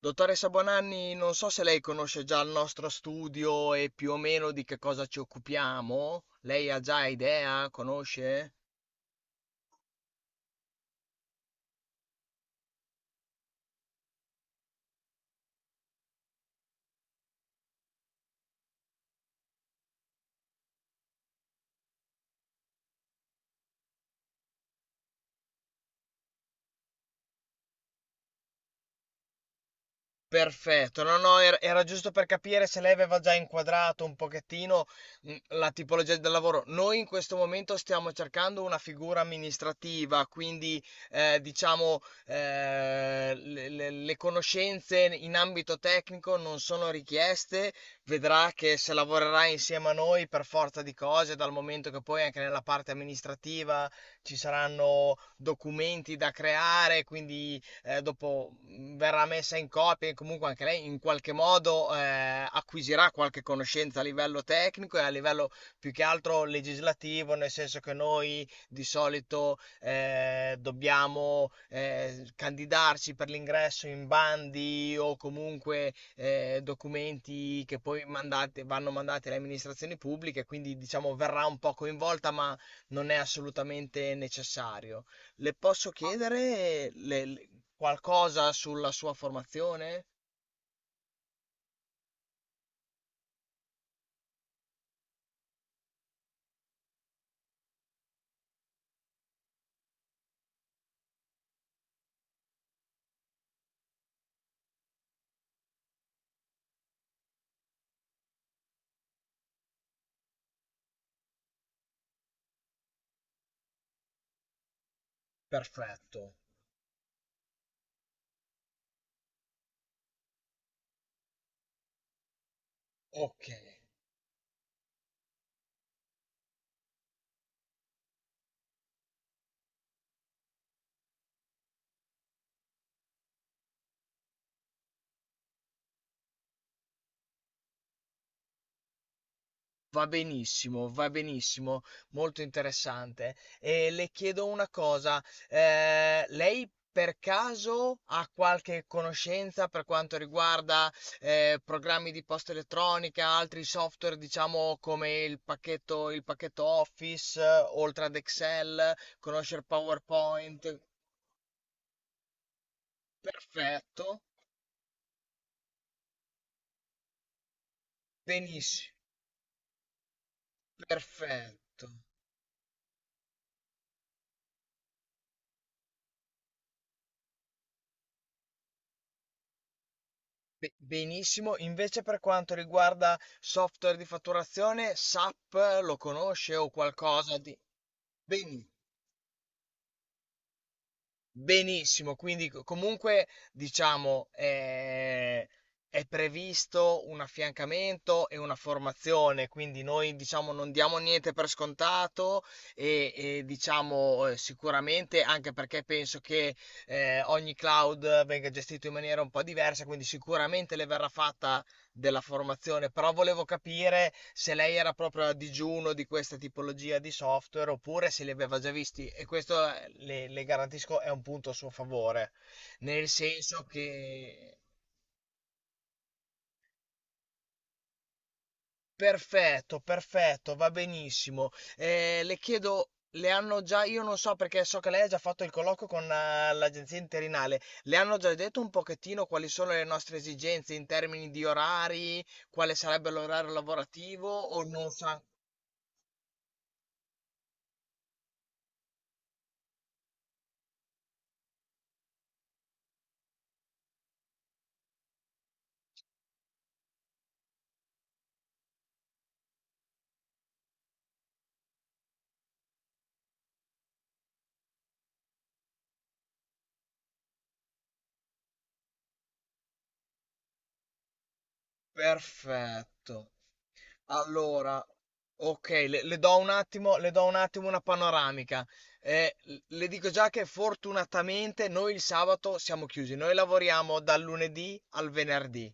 Dottoressa Bonanni, non so se lei conosce già il nostro studio e più o meno di che cosa ci occupiamo. Lei ha già idea? Conosce? Perfetto, no, no, era giusto per capire se lei aveva già inquadrato un pochettino, la tipologia del lavoro. Noi in questo momento stiamo cercando una figura amministrativa, quindi, diciamo, le conoscenze in ambito tecnico non sono richieste. Vedrà che se lavorerà insieme a noi per forza di cose, dal momento che poi anche nella parte amministrativa ci saranno documenti da creare, quindi dopo verrà messa in copia e comunque anche lei in qualche modo acquisirà qualche conoscenza a livello tecnico e a livello più che altro legislativo, nel senso che noi di solito dobbiamo candidarci per l'ingresso in bandi o comunque documenti che poi vanno mandati alle amministrazioni pubbliche, quindi diciamo verrà un po' coinvolta, ma non è assolutamente necessario. Le posso chiedere qualcosa sulla sua formazione? Perfetto, ok. Va benissimo, molto interessante. E le chiedo una cosa, lei per caso ha qualche conoscenza per quanto riguarda programmi di posta elettronica, altri software, diciamo come il pacchetto Office, oltre ad Excel, conoscere PowerPoint? Perfetto, benissimo, perfetto. Benissimo, invece per quanto riguarda software di fatturazione, SAP lo conosce o qualcosa di... Beni- Benissimo, quindi comunque diciamo è previsto un affiancamento e una formazione, quindi noi diciamo non diamo niente per scontato diciamo sicuramente anche perché penso che ogni cloud venga gestito in maniera un po' diversa, quindi sicuramente le verrà fatta della formazione, però volevo capire se lei era proprio a digiuno di questa tipologia di software oppure se li aveva già visti e questo le garantisco è un punto a suo favore, nel senso che perfetto, perfetto, va benissimo. Le chiedo, le hanno già, io non so perché so che lei ha già fatto il colloquio con l'agenzia interinale, le hanno già detto un pochettino quali sono le nostre esigenze in termini di orari, quale sarebbe l'orario lavorativo o non sa? Perfetto. Allora, ok, le do un attimo, le do un attimo una panoramica. Eh, le dico già che fortunatamente noi il sabato siamo chiusi, noi lavoriamo dal lunedì al venerdì.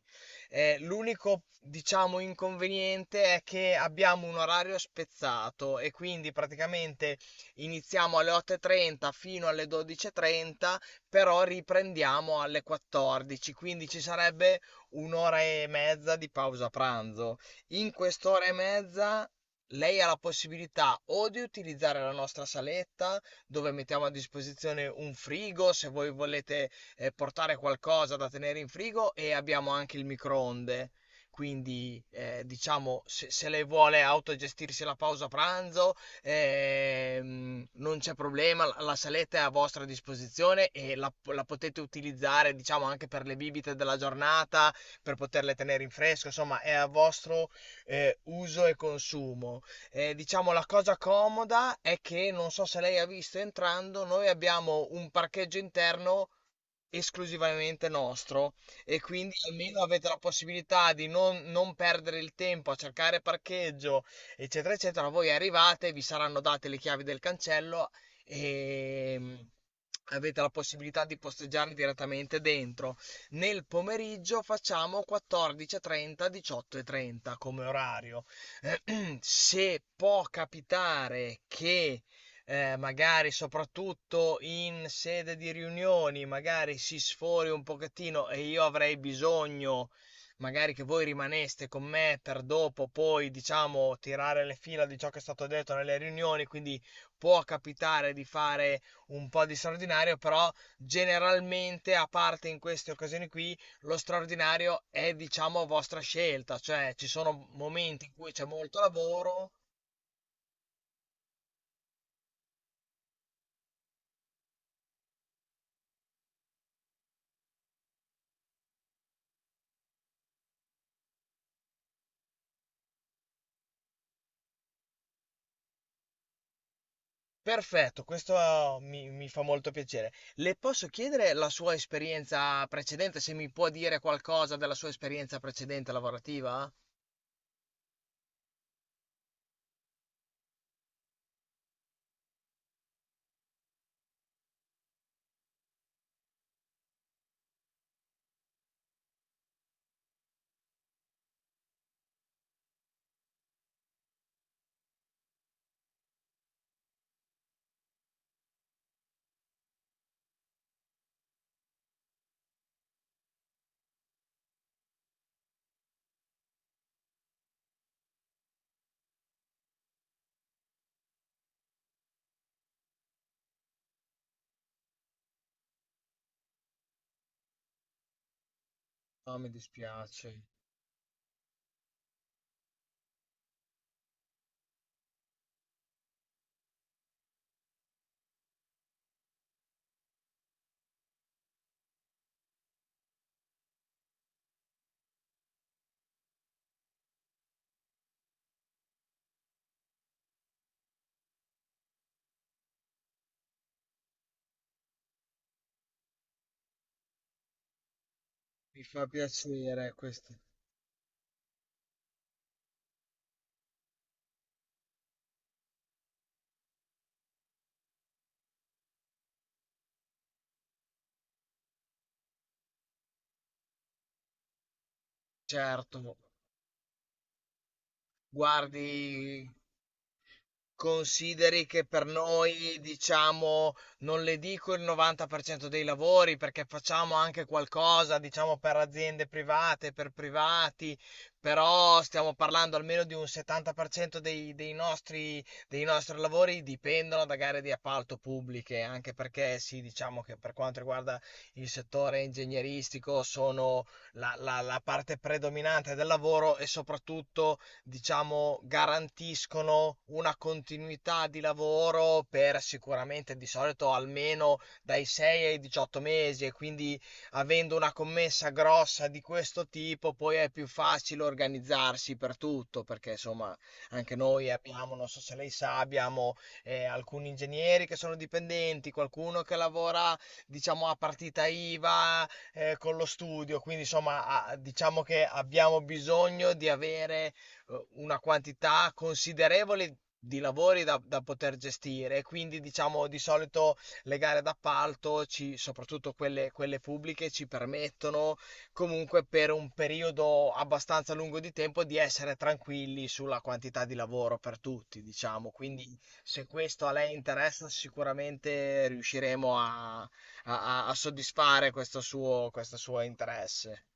L'unico, diciamo, inconveniente è che abbiamo un orario spezzato e quindi praticamente iniziamo alle 8.30 fino alle 12.30, però riprendiamo alle 14, quindi ci sarebbe un'ora e mezza di pausa pranzo. In quest'ora e mezza lei ha la possibilità o di utilizzare la nostra saletta dove mettiamo a disposizione un frigo se voi volete portare qualcosa da tenere in frigo e abbiamo anche il microonde. Quindi, diciamo, se lei vuole autogestirsi la pausa pranzo, non c'è problema, la saletta è a vostra disposizione e la potete utilizzare, diciamo, anche per le bibite della giornata, per poterle tenere in fresco, insomma, è a vostro uso e consumo. Diciamo la cosa comoda è che non so se lei ha visto entrando, noi abbiamo un parcheggio interno esclusivamente nostro e quindi almeno avete la possibilità di non perdere il tempo a cercare parcheggio, eccetera, eccetera. Voi arrivate, vi saranno date le chiavi del cancello e avete la possibilità di posteggiare direttamente dentro. Nel pomeriggio facciamo 14.30, 18.30 come orario. Se può capitare che magari soprattutto in sede di riunioni, magari si sfori un pochettino e io avrei bisogno, magari che voi rimaneste con me per dopo, poi diciamo tirare le fila di ciò che è stato detto nelle riunioni, quindi può capitare di fare un po' di straordinario, però generalmente, a parte in queste occasioni qui, lo straordinario è diciamo a vostra scelta, cioè ci sono momenti in cui c'è molto lavoro. Perfetto, questo, oh, mi fa molto piacere. Le posso chiedere la sua esperienza precedente, se mi può dire qualcosa della sua esperienza precedente lavorativa? No, mi dispiace, mi fa piacere questo. Certo, guardi, consideri che per noi, diciamo, non le dico il 90% dei lavori perché facciamo anche qualcosa, diciamo, per aziende private, per privati, però stiamo parlando almeno di un 70% dei nostri lavori dipendono da gare di appalto pubbliche, anche perché sì, diciamo che per quanto riguarda il settore ingegneristico sono la parte predominante del lavoro e soprattutto diciamo, garantiscono una continuità di lavoro per sicuramente di solito almeno dai 6 ai 18 mesi e quindi avendo una commessa grossa di questo tipo poi è più facile organizzarsi per tutto perché insomma anche noi abbiamo, non so se lei sa, abbiamo alcuni ingegneri che sono dipendenti, qualcuno che lavora diciamo a partita IVA con lo studio, quindi insomma diciamo che abbiamo bisogno di avere una quantità considerevole di lavori da poter gestire, e quindi diciamo di solito le gare d'appalto, soprattutto quelle pubbliche, ci permettono comunque per un periodo abbastanza lungo di tempo di essere tranquilli sulla quantità di lavoro per tutti, diciamo. Quindi se questo a lei interessa, sicuramente riusciremo a soddisfare questo suo interesse.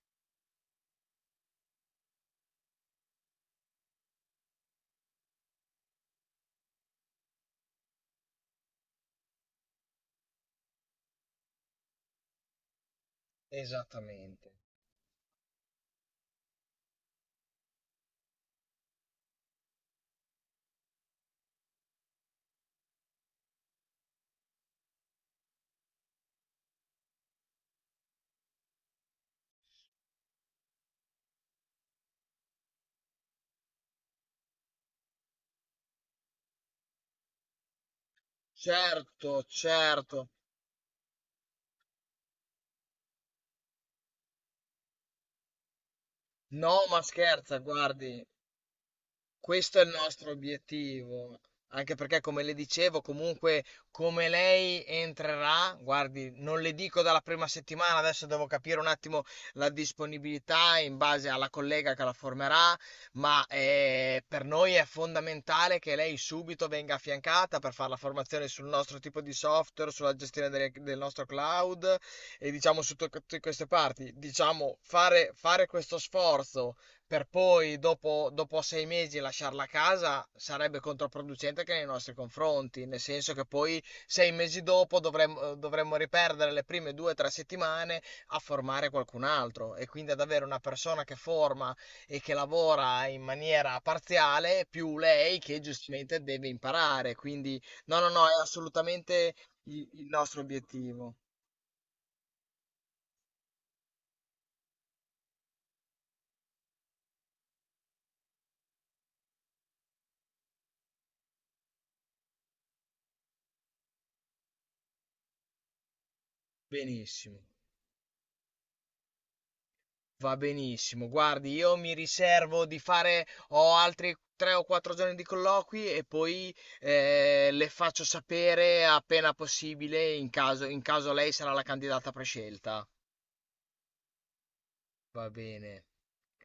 Esattamente. Certo, certo. No, ma scherza, guardi, questo è il nostro obiettivo, anche perché come le dicevo, comunque come lei entrerà, guardi, non le dico dalla prima settimana, adesso devo capire un attimo la disponibilità in base alla collega che la formerà, ma per noi è fondamentale che lei subito venga affiancata per fare la formazione sul nostro tipo di software, sulla gestione del nostro cloud e diciamo su tutte queste parti, diciamo fare questo sforzo per poi dopo, dopo 6 mesi lasciarla a casa sarebbe controproducente anche nei nostri confronti, nel senso che poi 6 mesi dopo dovremmo riperdere le prime 2 o 3 settimane a formare qualcun altro e quindi ad avere una persona che forma e che lavora in maniera parziale più lei che giustamente deve imparare. Quindi no, no, no, è assolutamente il nostro obiettivo. Benissimo. Va benissimo. Guardi, io mi riservo di fare, ho altri 3 o 4 giorni di colloqui e poi le faccio sapere appena possibile in caso lei sarà la candidata prescelta. Va bene.